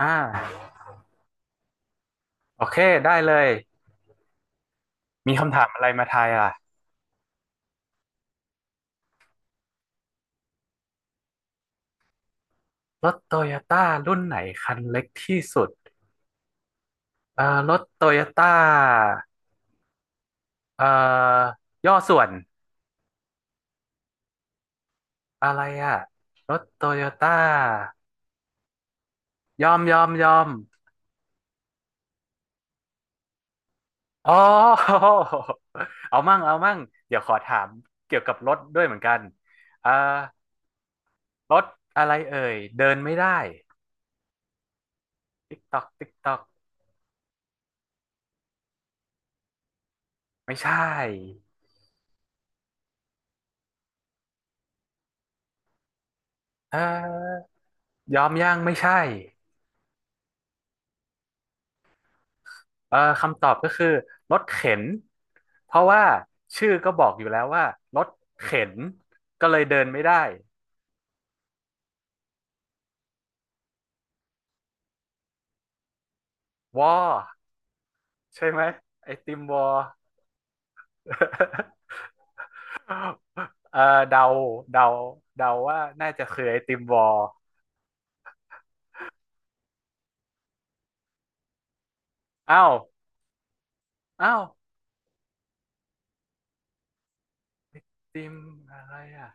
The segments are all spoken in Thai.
อ่าโอเคได้เลยมีคำถามอะไรมาทายล่ะรถโตโยต้ารุ่นไหนคันเล็กที่สุดเอ่อรถโตโยต้าเอ่อย่อส่วนอะไรอ่ะรถโตโยต้ายอมอ๋อ เอามั่งเดี๋ยวขอถามเกี่ยวกับรถด้วยเหมือนกันเอ่อรถอะไรเอ่ยเดินไม่ได้ติ๊กตอกติ๊กตอกไม่ใช่เอ่อยอมย่างไม่ใช่ คำตอบก็คือรถเข็นเพราะว่าชื่อก็บอกอยู่แล้วว่ารถเข็นก็เลยเดินไม่ได้วอใช่ไหมไอติมวอ เออเดาเดาเดาว่าน่าจะคือไอติมวออ้าวอ้าวติมอะไรอ่ะ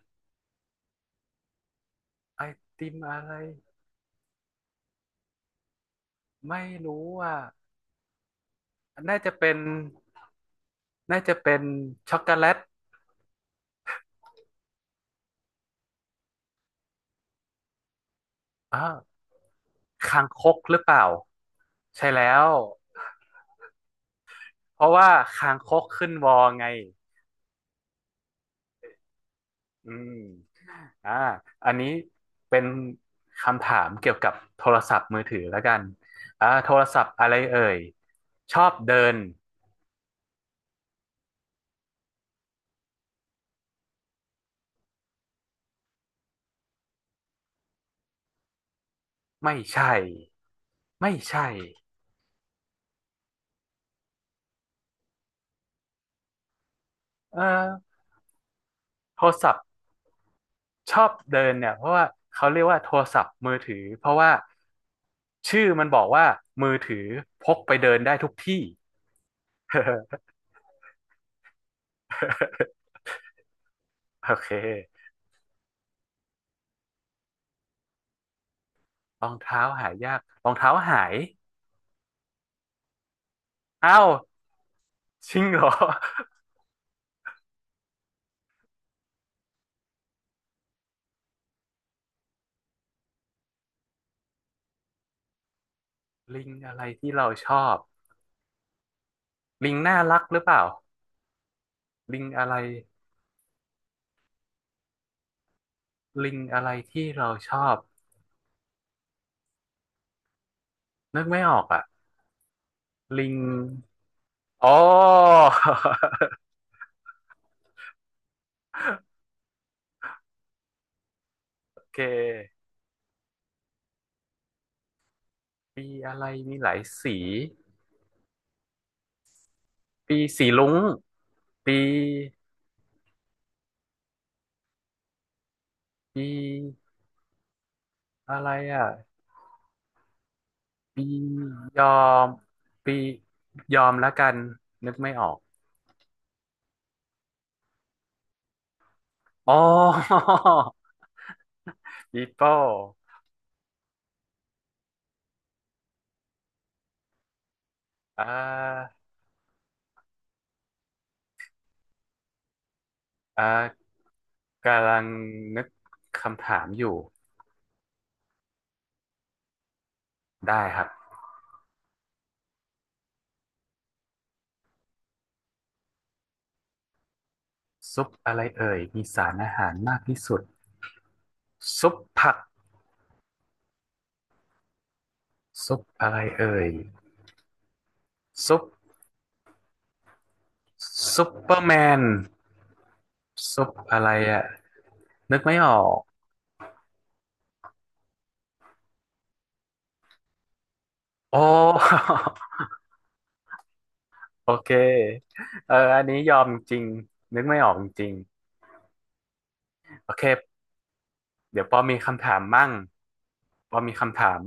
ไอติมอะไรไม่รู้อ่ะน่าจะเป็นน่าจะเป็นช็อกโกแลตอ้าวคางคกหรือเปล่าใช่แล้ว เพราะว่าคางคกขึ้นวอไงอืมอ่าอันนี้เป็นคำถามเกี่ยวกับโทรศัพท์มือถือแล้วกันโทรศัพท์อะไรเอ่ยชอบเดิน ไม่ใช่ ไม่ใช่เออโทรศัพท์ชอบเดินเนี่ยเพราะว่าเขาเรียกว่าโทรศัพท์มือถือเพราะว่าชื่อมันบอกว่ามือถือพกไปเดินได้ทุกที่ โอเครองเท้าหายากรองเท้าหายเอ้า จริงเหรอ ลิงอะไรที่เราชอบลิงน่ารักหรือเปล่าลิงอะไรลิงอะไรที่เราชอบนึกไม่ออกอ่ะลิงอ๋อ โอเคปีอะไรมีหลายสีปีสีลุ้งปีปีอะไรอ่ะปียอมปียอมแล้วกันนึกไม่ออกอ๋อ ปีโป้อ่าอ่า กำลังนึกคำถามอยู่ได้ครับซุปอะไรเอ่ยมีสารอาหารมากที่สุดซุปผักซุปอะไรเอ่ยซุปซุปเปอร์แมนซุปอะไรอ่ะนึกไม่ออกโอ้ โอเคเอออันนี้ยอมจริงนึกไม่ออกจริงโอเคเดี๋ยวปอมีคำถามมั่งปอมีคำถาม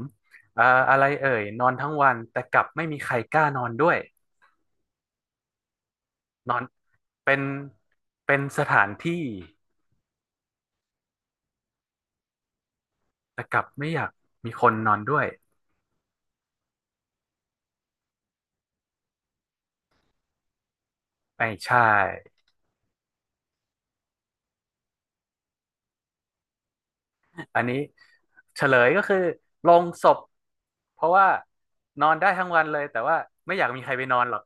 เอ่ออะไรเอ่ยนอนทั้งวันแต่กลับไม่มีใครกล้านอนด้วย นอนเป็นเป็นสถานที่แต่กลับไม่อยากมีคนนอนด้วยไม่ใช่อันนี้เฉลยก็คือโลงศพเพราะว่านอนได้ทั้งวันเลยแต่ว่าไม่อยากมีใครไปนอนหรอก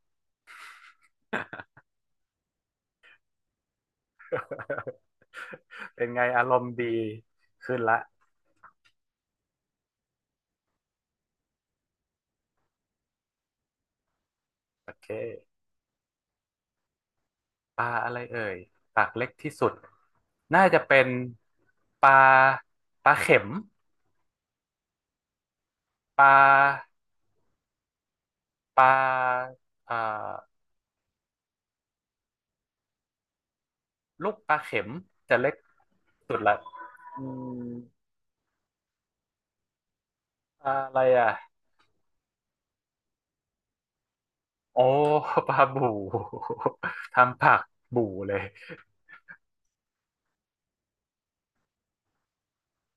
เป็นไงอารมณ์ดีขึ้นละโอเคปลาอะไรเอ่ยปากเล็กที่สุดน่าจะเป็นปลาปลาเข็มปลาปลาเอ่อลูกปลาเข็มจะเล็ก สุดละอืมอะไรอ่ะโอ้ปลาบู่ ทำผักบู่เลย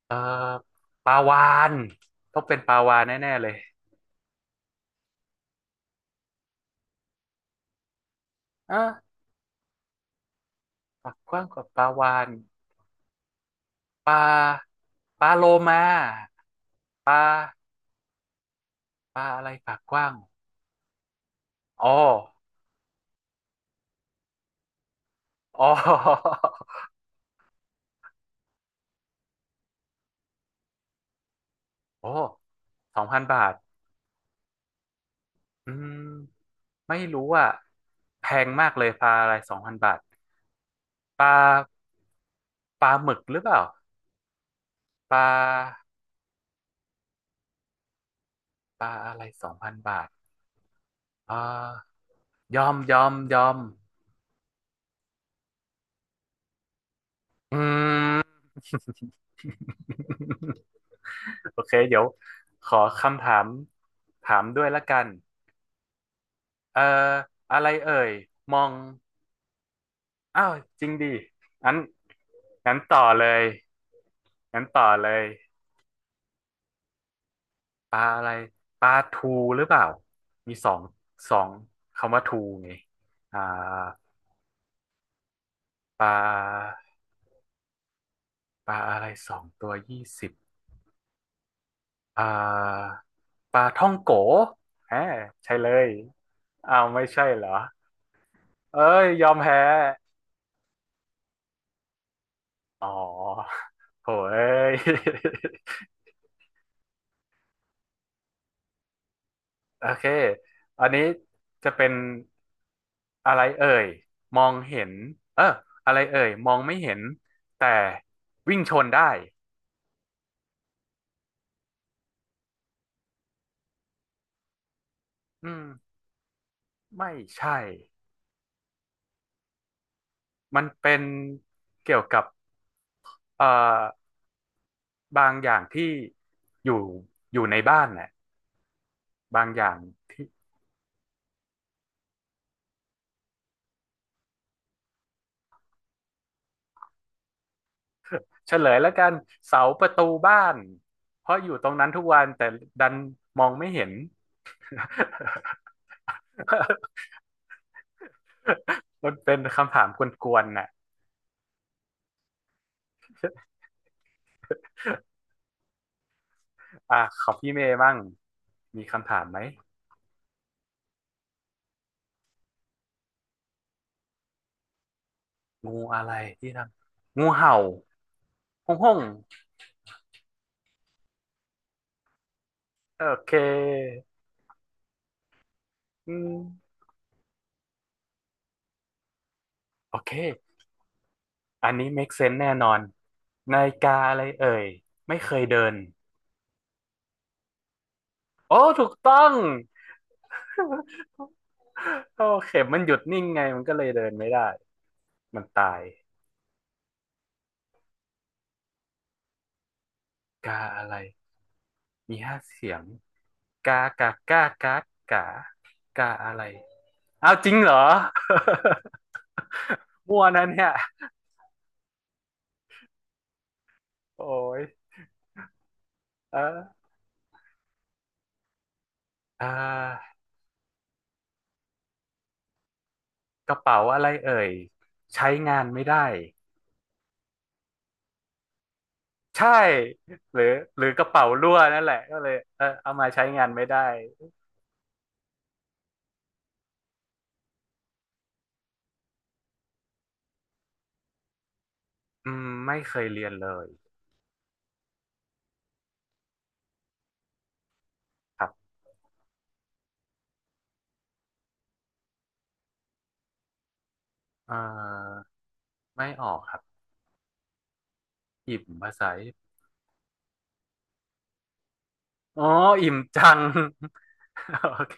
เอ่อปลาวาฬต้องเป็นปลาวาฬแน่ๆเลยอ่ะปากกว้างกว่าปลาวาฬปลาปลาโลมาปลาปลาอะไรปากกว้างอ๋ออ๋อ โอ้สองพันบาทอืมไม่รู้อ่ะแพงมากเลยปลาอะไรสองพันบาทปลาปลาหมึกหรือเปล่าปลา ปลาอะไรสองพันบาทอ่ายอมอืม โอเค เดี๋ยวขอคำถามถามด้วยละกันเอ่ออะไรเอ่ย มอง อ้าว จริงดิงั้นงั้นต่อเลยงั้นต่อเลยปลาอะไรปลาทูหรือเปล่า มีสองสองคำว่าทูไงอ่าปลาปลาอะไรสองตัวยี่สิบ อ่าปลาท่องโกฮะใช่เลยอ้าวไม่ใช่เหรอเอ้ยยอมแพ้อ๋อโหเอ้ย โอเคอันนี้จะเป็นอะไรเอ่ยมองเห็นเอออะไรเอ่ยมองไม่เห็นแต่วิ่งชนได้อืมไม่ใช่มันเป็นเกี่ยวกับเอ่อบางอย่างที่อยู่อยู่ในบ้านน่ะบางอย่างที่ เฉลยแล้วกันเสาประตูบ้านเพราะอยู่ตรงนั้นทุกวันแต่ดันมองไม่เห็น มันเป็นคำถามกวนๆน่ะอ่ะของพี่เมย์บ้างมีคำถามไหมงูอะไรที่ทำงูเห่าห้องห้องโอเคอืมโอเคอันนี้ make sense แน่นอนนาฬิกาอะไรเอ่ยไม่เคยเดินโอ้ถูกต้องโอเคมันหยุดนิ่งไงมันก็เลยเดินไม่ได้มันตาย กาอะไรมีห้าเสียงกากากากากากาอะไรอ้าวจริงเหรอ มั่วนะเนี่ยโอ้ยเอออ่ากระเป๋าอะไรเอ่ยใช้งานไม่ได้ใช่หรือหรือกระเป๋ารั่วนั่นแหละก็เลยเออเอามาใช้งานไม่ได้อืมไม่เคยเรียนเลยครับเออไม่ออกครับอิ่มภาษาญี่ปุ่นอ๋ออิ่มจัง โอเค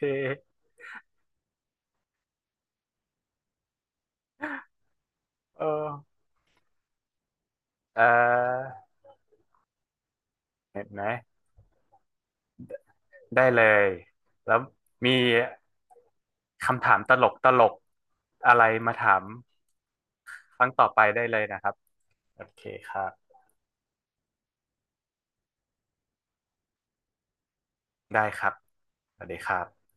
เออเออ เห็นไหมได้เลยแล้วมีคำถามตลกตลกอะไรมาถามครั้งต่อไปได้เลยนะครับโอเคครับได้ครับสวัสดีครับ